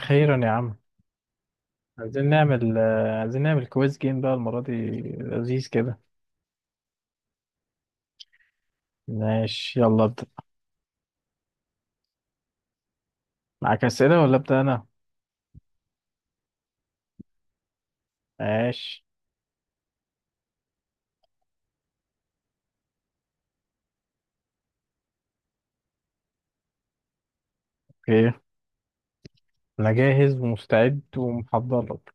خيرا يا عم. عايزين نعمل كويز جيم بقى المرة دي. لذيذ كده. ماشي، يلا ابدأ. معاك أسئلة ولا أبدأ أنا؟ ماشي. اوكي، أنا جاهز ومستعد ومحضر لك.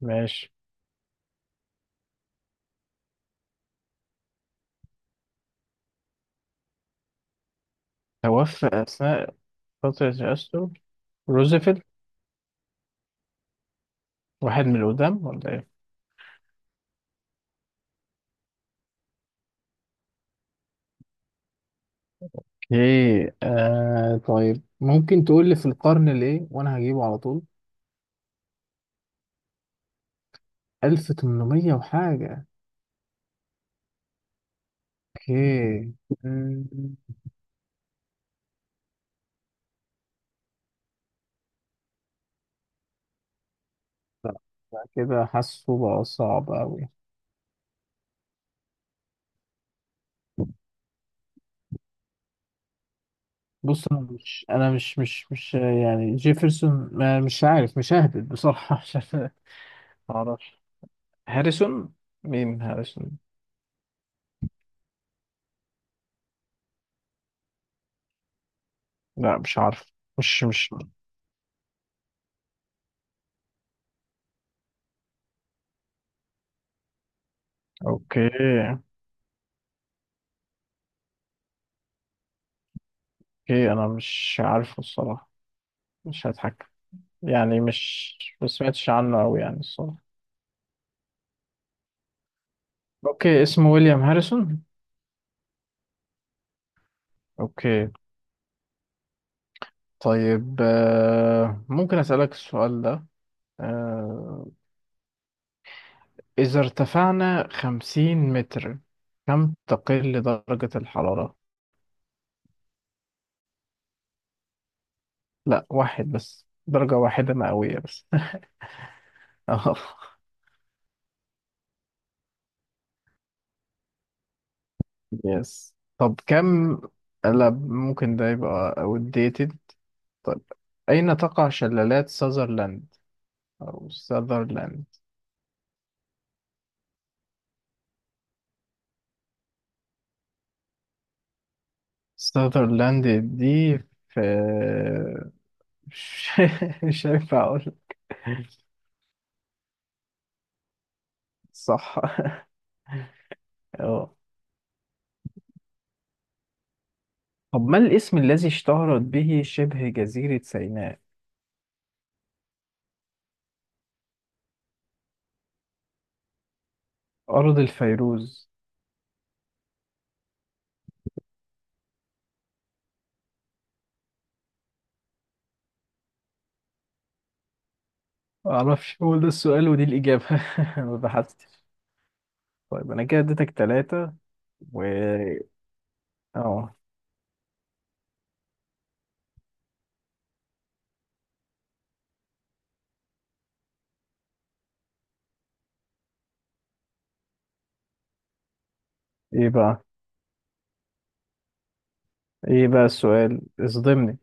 ماشي. توفى أثناء فترة الأسطر. روزفلت. واحد من القدام ولا إيه؟ ايه. طيب، ممكن تقول لي في القرن الايه وانا هجيبه على طول. 1800 وحاجة. اوكي. مم، لا، لا، كده حاسه بقى صعب أوي. بص، انا مش يعني جيفرسون، ما مش عارف، مش ههبط بصراحه. مش عارف ما اعرفش. هاريسون. مين هاريسون؟ لا مش عارف. مش مش اوكي. اوكي انا مش عارفه الصراحه. مش هضحك. يعني مش، ما سمعتش عنه قوي يعني الصراحه. اوكي، اسمه ويليام هاريسون. اوكي. طيب ممكن اسالك السؤال ده. آه، اذا ارتفعنا 50 متر، كم تقل درجة الحرارة؟ لا، واحد بس، درجة واحدة مئوية بس. اه. يس، طب كم؟ لا، ممكن ده يبقى outdated. طب، أين تقع شلالات ساذرلاند أو ساذرلاند؟ ساذرلاند دي في... مش مش هينفع أقول. صح. اه. طب، ما الاسم الذي اشتهرت به شبه جزيرة سيناء؟ أرض الفيروز. معرفش، هو ده السؤال ودي الإجابة. ما بحثتش. طيب، انا كده اديتك ثلاثة. و اه ايه بقى. ايه بقى السؤال، اصدمني.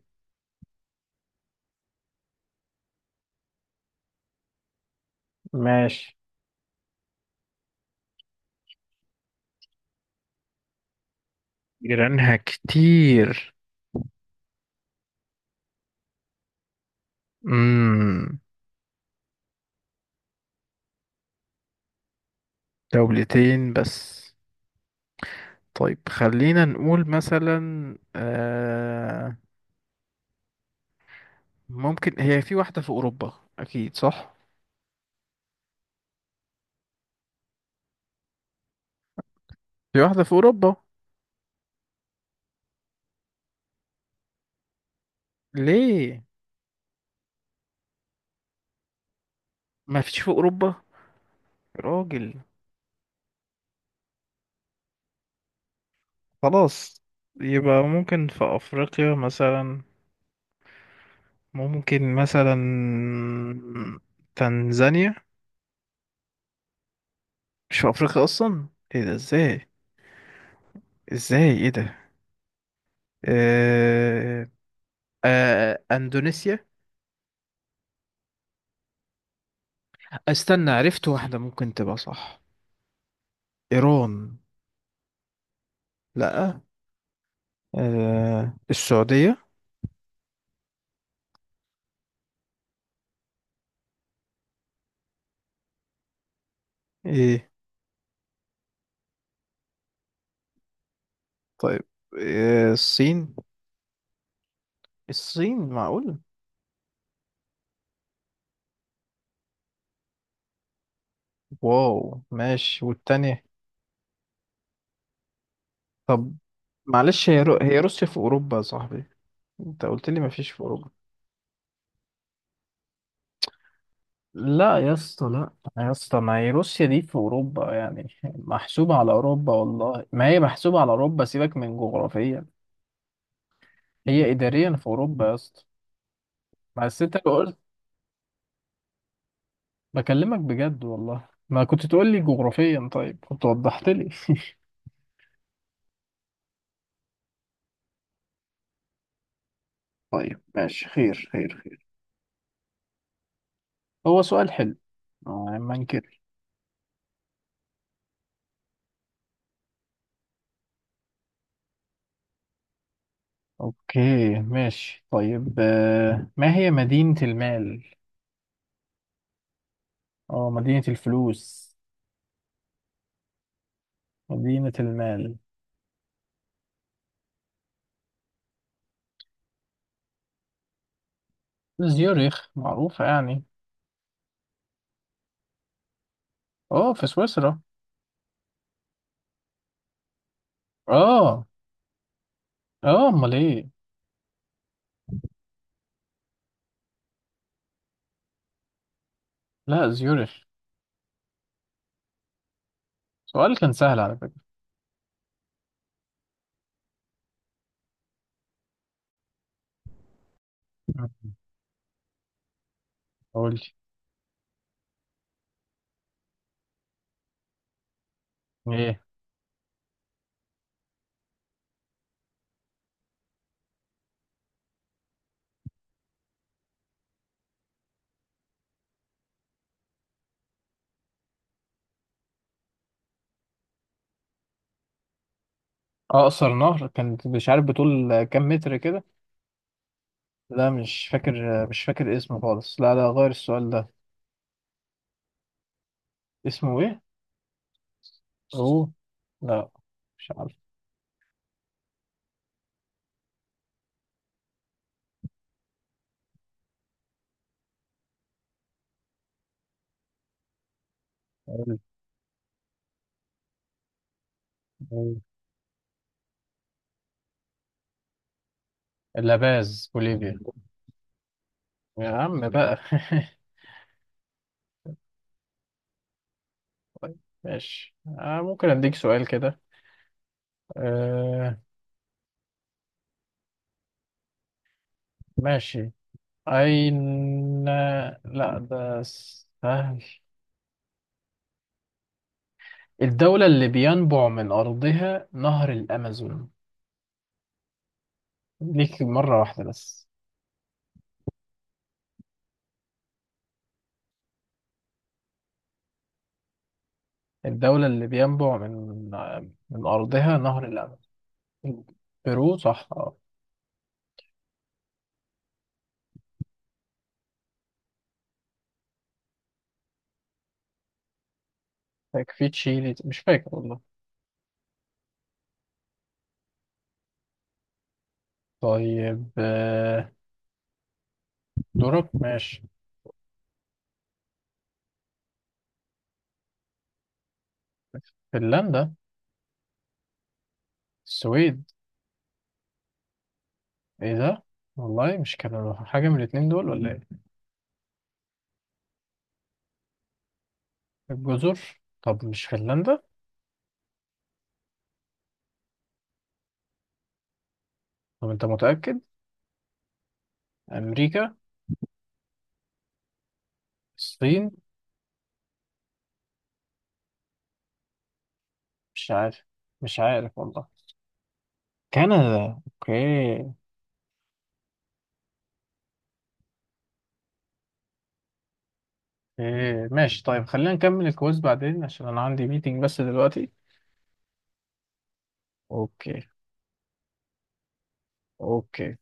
ماشي. جيرانها كتير. امم دولتين بس. طيب، خلينا نقول مثلا، ممكن هي في واحدة في أوروبا. أكيد صح. في واحدة في أوروبا. ليه؟ ما فيش في أوروبا. راجل. خلاص. يبقى ممكن في أفريقيا مثلا. ممكن مثلا تنزانيا. مش في افريقيا اصلا. ايه ده، ازاي؟ ازاي، ايه ده؟ آه... اندونيسيا. استنى، عرفت واحدة ممكن تبقى صح. ايران. لا. السعودية. ايه. طيب، الصين. الصين معقول. واو، ماشي والتانية. طب معلش، هي روسيا في اوروبا يا صاحبي. انت قلت لي مفيش في اوروبا. لا يا اسطى، لا. يا اسطى، ما هي روسيا دي في اوروبا، يعني محسوبه على اوروبا، والله ما هي محسوبه على اوروبا، سيبك من جغرافيا. هي اداريا في اوروبا يا اسطى. بس انت لو قلت، بكلمك بجد، والله ما كنت تقول لي جغرافيا طيب كنت وضحت لي. طيب، ماشي. خير خير خير. هو سؤال حلو. ما انكر. اوكي. ماشي. طيب ما هي مدينة المال؟ اه، مدينة الفلوس، مدينة المال. زيوريخ معروفة يعني. اه، في سويسرا. اه. اه، امال ايه؟ لا، زيورش. سؤال كان سهل على فكرة. مم. قول لي ايه. اقصر نهر، كان مش عارف بطول كام متر كده. لا مش فاكر. مش فاكر اسمه خالص، لا لا، غير السؤال ده. اسمه ايه؟ اوه. لا. مش عارف. قول. قول. اللاباز، بوليفيا. يا عم بقى. ماشي ممكن اديك سؤال كده. آه ماشي. أين؟ لا، ده سهل. الدولة اللي بينبع من أرضها نهر الأمازون. ليك مرة واحدة بس. الدولة اللي بينبع من أرضها نهر الأمازون. بيرو صح. اه. فاكر في تشيلي، مش فاكر والله. طيب دورك، ماشي. فنلندا. السويد. ايه ده؟ والله مش كانوا حاجة من الاتنين دول ولا ايه؟ الجزر؟ طب مش فنلندا. طب انت متأكد؟ أمريكا. الصين. مش عارف. مش عارف والله. كندا. اوكي. إيه، ماشي. طيب، خلينا نكمل الكويز بعدين عشان انا عندي ميتنج بس دلوقتي. اوكي. اوكي.